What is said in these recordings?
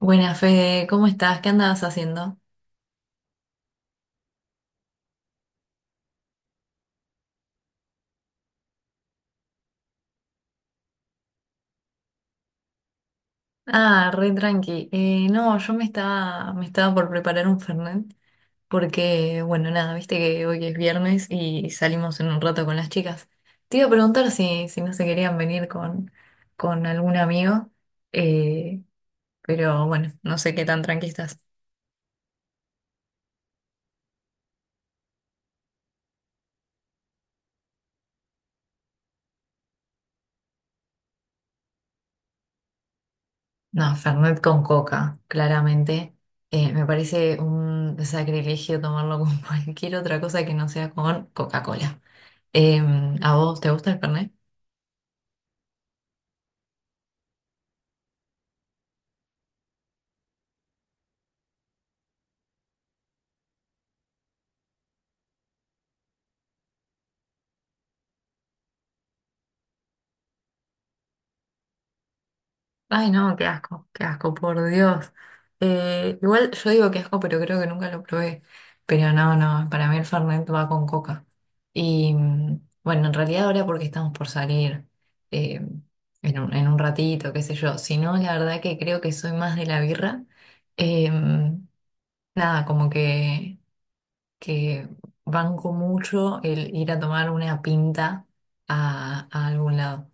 Buenas, Fede, ¿cómo estás? ¿Qué andabas haciendo? Ah, re tranqui. No, yo me estaba por preparar un Fernet porque, bueno, nada, viste que hoy es viernes y salimos en un rato con las chicas. Te iba a preguntar si no se querían venir con algún amigo, eh, pero bueno, no sé qué tan tranqui estás. No, Fernet con coca, claramente. Me parece un sacrilegio tomarlo con cualquier otra cosa que no sea con Coca-Cola. ¿A vos te gusta el Fernet? Ay, no, qué asco, por Dios. Igual yo digo qué asco, pero creo que nunca lo probé. Pero no, no, para mí el Fernet va con coca. Bueno, en realidad ahora porque estamos por salir, eh, en en un ratito, qué sé yo. Si no, la verdad que creo que soy más de la birra. Eh, Nada, como que banco mucho el ir a tomar una pinta a algún lado.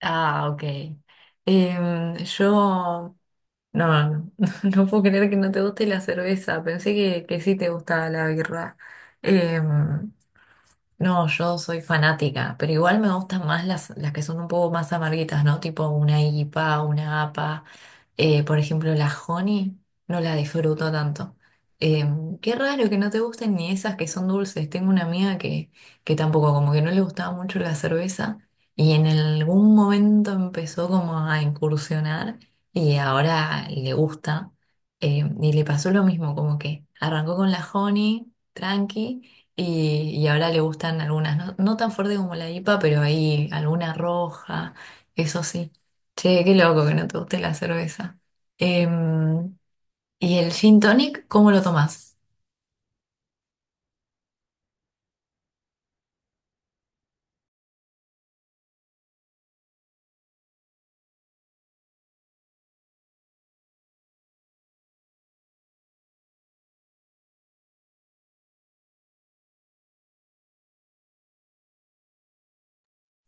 Ah, ok. Em, yo, no, no, no puedo creer que no te guste la cerveza. Pensé que sí te gustaba la birra. Em, No, yo soy fanática, pero igual me gustan más las que son un poco más amarguitas, ¿no? Tipo una IPA, una APA. Por ejemplo, la Honey no la disfruto tanto. Eh, Qué raro que no te gusten ni esas que son dulces. Tengo una amiga que tampoco, como que no le gustaba mucho la cerveza y en algún momento empezó como a incursionar y ahora le gusta. Y le pasó lo mismo, como que arrancó con la Honey, tranqui. Y ahora le gustan algunas, no, no tan fuerte como la IPA, pero ahí alguna roja, eso sí. Che, qué loco que no te guste la cerveza. Em, ¿Y el gin tonic, cómo lo tomás?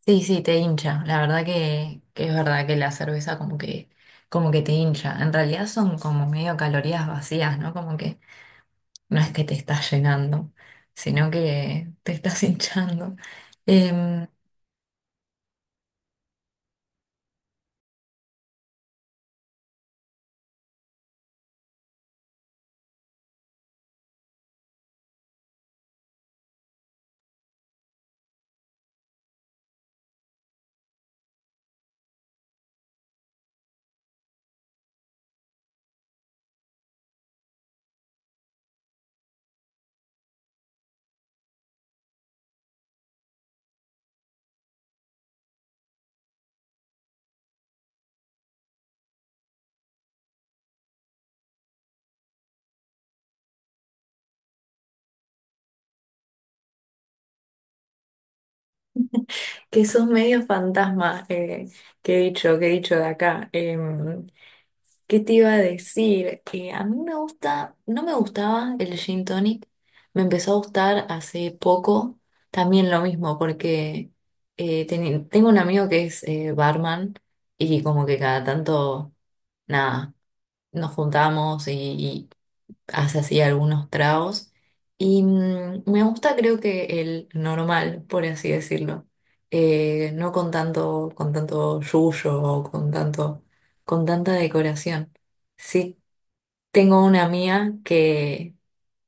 Sí, sí, te hincha. La verdad que es verdad que la cerveza como como que te hincha. En realidad son como medio calorías vacías, ¿no? Como que no es que te estás llenando, sino que te estás hinchando. Em, que sos medio fantasma, que he dicho de acá. ¿Qué te iba a decir? A mí me gusta, no me gustaba el gin tonic, me empezó a gustar hace poco, también lo mismo, porque tengo un amigo que es barman y como que cada tanto, nada, nos juntamos y hace así algunos tragos. Me gusta, creo que el normal, por así decirlo. No con tanto, con tanto yuyo o con tanto, con tanta decoración. Sí, tengo una mía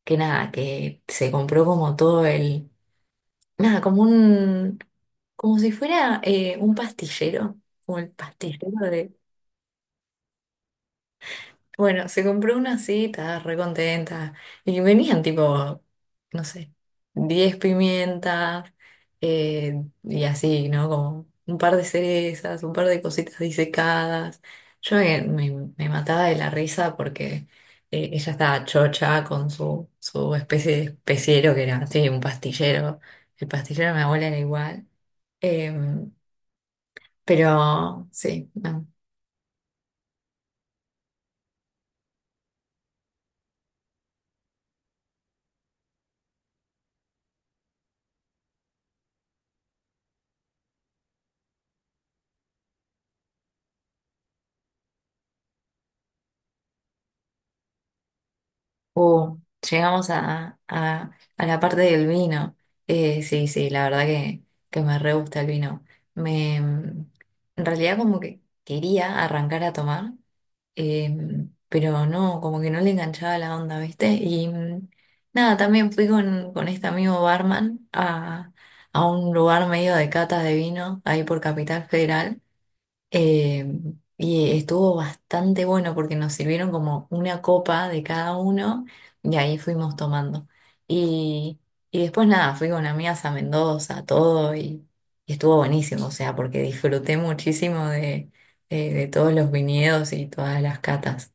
que nada, que se compró como todo nada, como como si fuera un pastillero, como el pastillero. Bueno, se compró una así, estaba re contenta. Y venían tipo, no sé, 10 pimientas, y así, ¿no? Como un par de cerezas, un par de cositas disecadas. Me mataba de la risa porque ella estaba chocha con su especie de especiero que era así, un pastillero. El pastillero de mi abuela era igual. Em, pero sí, no. O llegamos a, a la parte del vino. Sí, sí, la verdad que me re gusta el vino. Me, mm, en realidad como que quería arrancar a tomar, eh, pero no, como que no le enganchaba la onda, ¿viste? Nada, también fui con este amigo barman a un lugar medio de cata de vino, ahí por Capital Federal. Eh, y estuvo bastante bueno porque nos sirvieron como una copa de cada uno y ahí fuimos tomando. Y, y después nada, fui con amigas a Mendoza, y estuvo buenísimo, o sea, porque disfruté muchísimo de todos los viñedos y todas las catas.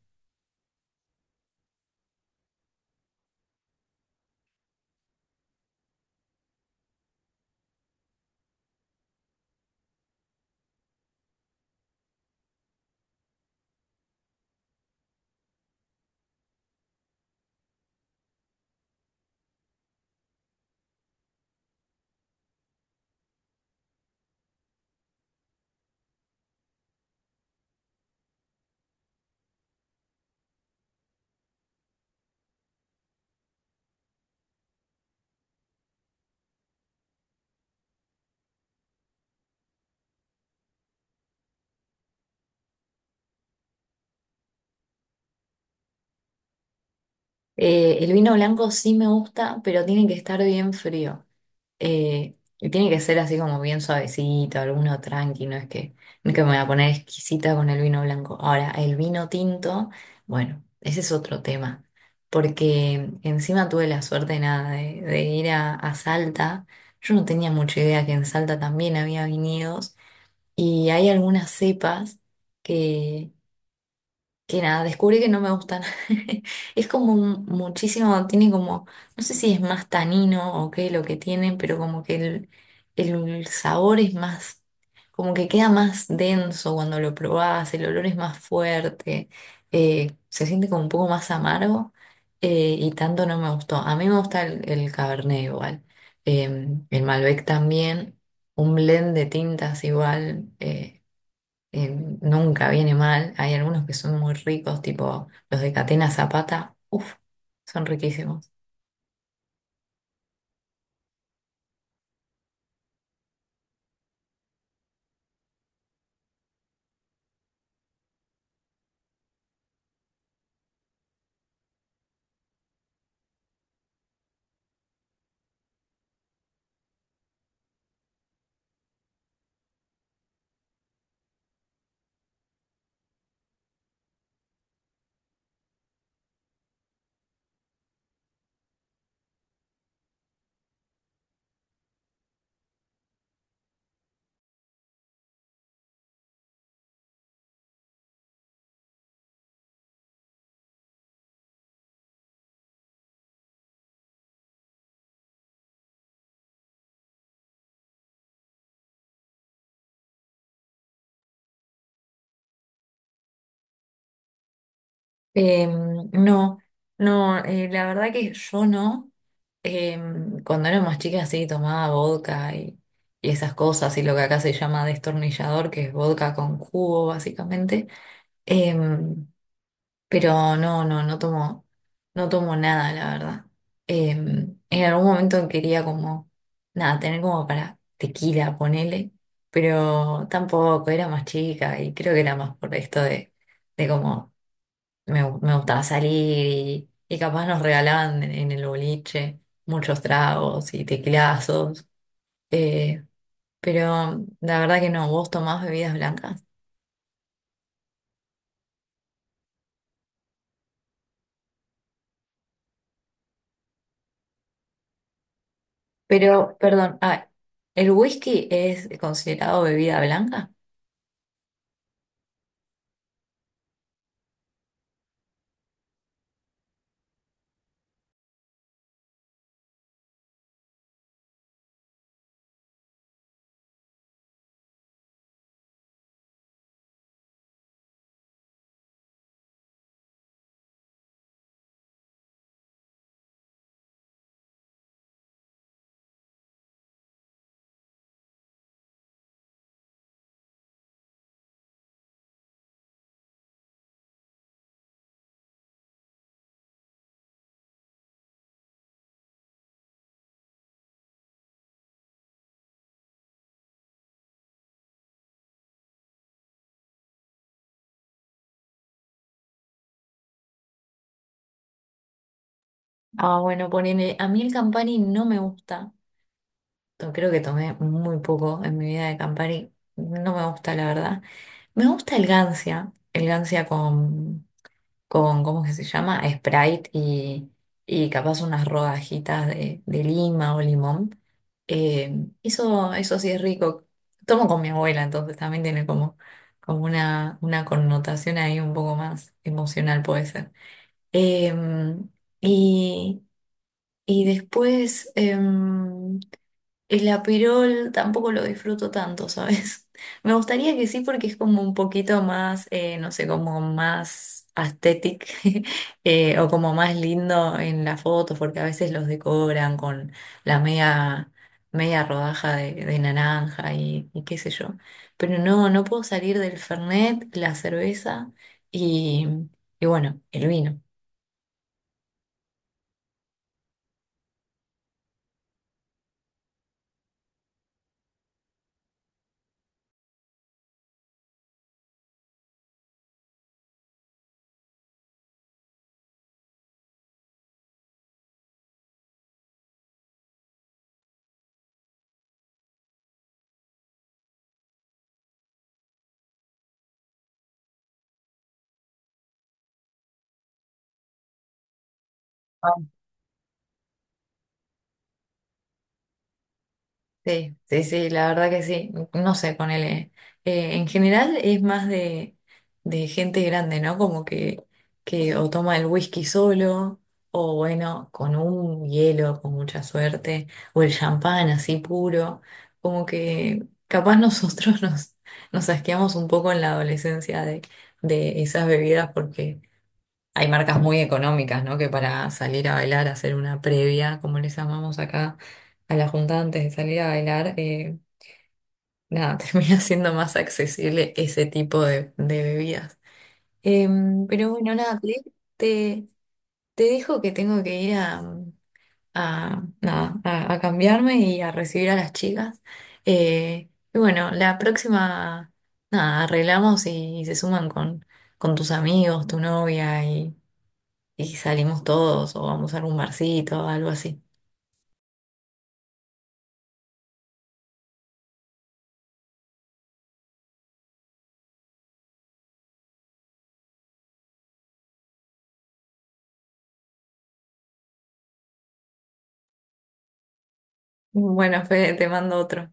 El vino blanco sí me gusta, pero tiene que estar bien frío. Y tiene que ser así como bien suavecito, alguno tranqui, no es que me voy a poner exquisita con el vino blanco. Ahora, el vino tinto, bueno, ese es otro tema, porque encima tuve la suerte nada de ir a Salta. Yo no tenía mucha idea que en Salta también había viñedos y hay algunas cepas que nada, descubrí que no me gustan. Es como un- muchísimo, tiene como, no sé si es más tanino o qué lo que tienen, pero como que el sabor es más, como que queda más denso cuando lo probás, el olor es más fuerte, se siente como un poco más amargo, y tanto no me gustó. A mí me gusta el Cabernet igual, el Malbec también, un blend de tintas igual. Eh, Nunca viene mal. Hay algunos que son muy ricos, tipo los de Catena Zapata, uff, son riquísimos. No, no, la verdad que yo no. Cuando éramos chicas sí tomaba vodka y esas cosas y lo que acá se llama destornillador, que es vodka con jugo básicamente. Em, Pero no, no, no tomo, no tomo nada, la verdad. Eh, en algún momento quería como, nada, tener como para tequila, ponele, pero tampoco, era más chica y creo que era más por esto de como me gustaba salir y capaz nos regalaban en el boliche muchos tragos y tequilazos. eh, pero la verdad que no, ¿vos tomás bebidas blancas? Pero, perdón, ah, ¿el whisky es considerado bebida blanca? Ah, bueno, ponele, a mí el Campari no me gusta. Creo que tomé muy poco en mi vida de Campari. No me gusta, la verdad. Me gusta el Gancia. El Gancia con ¿cómo que se llama? Sprite y capaz unas rodajitas de lima o limón. Eso, eso sí es rico. Tomo con mi abuela, entonces también tiene como, como una connotación ahí un poco más emocional, puede ser. Em, y... Y después, em, el apirol tampoco lo disfruto tanto, ¿sabes? Me gustaría que sí porque es como un poquito más, no sé, como más aesthetic, o como más lindo en las fotos porque a veces los decoran con la media, media rodaja de naranja y qué sé yo. Pero no, no puedo salir del Fernet, y, y bueno, el vino. Sí, sí, sí, la verdad que sí. No sé, ponele. En general es más de gente grande, ¿no? Como que o toma el whisky solo, o bueno, con un hielo, con mucha suerte, o el champán así puro. Como que capaz nosotros nos asqueamos un poco en la adolescencia de esas bebidas porque hay marcas muy económicas, ¿no? Que para salir a bailar, hacer una previa, como les llamamos acá a la junta antes de salir a bailar, nada, termina siendo más accesible ese tipo de bebidas. Pero bueno, nada, Cle, te, te dejo que tengo que ir a, nada, a cambiarme y a recibir a las chicas. Y bueno, la próxima, nada, arreglamos y se suman con tus amigos, tu novia y salimos todos o vamos a algún barcito o algo así. Bueno, Fede, te mando otro.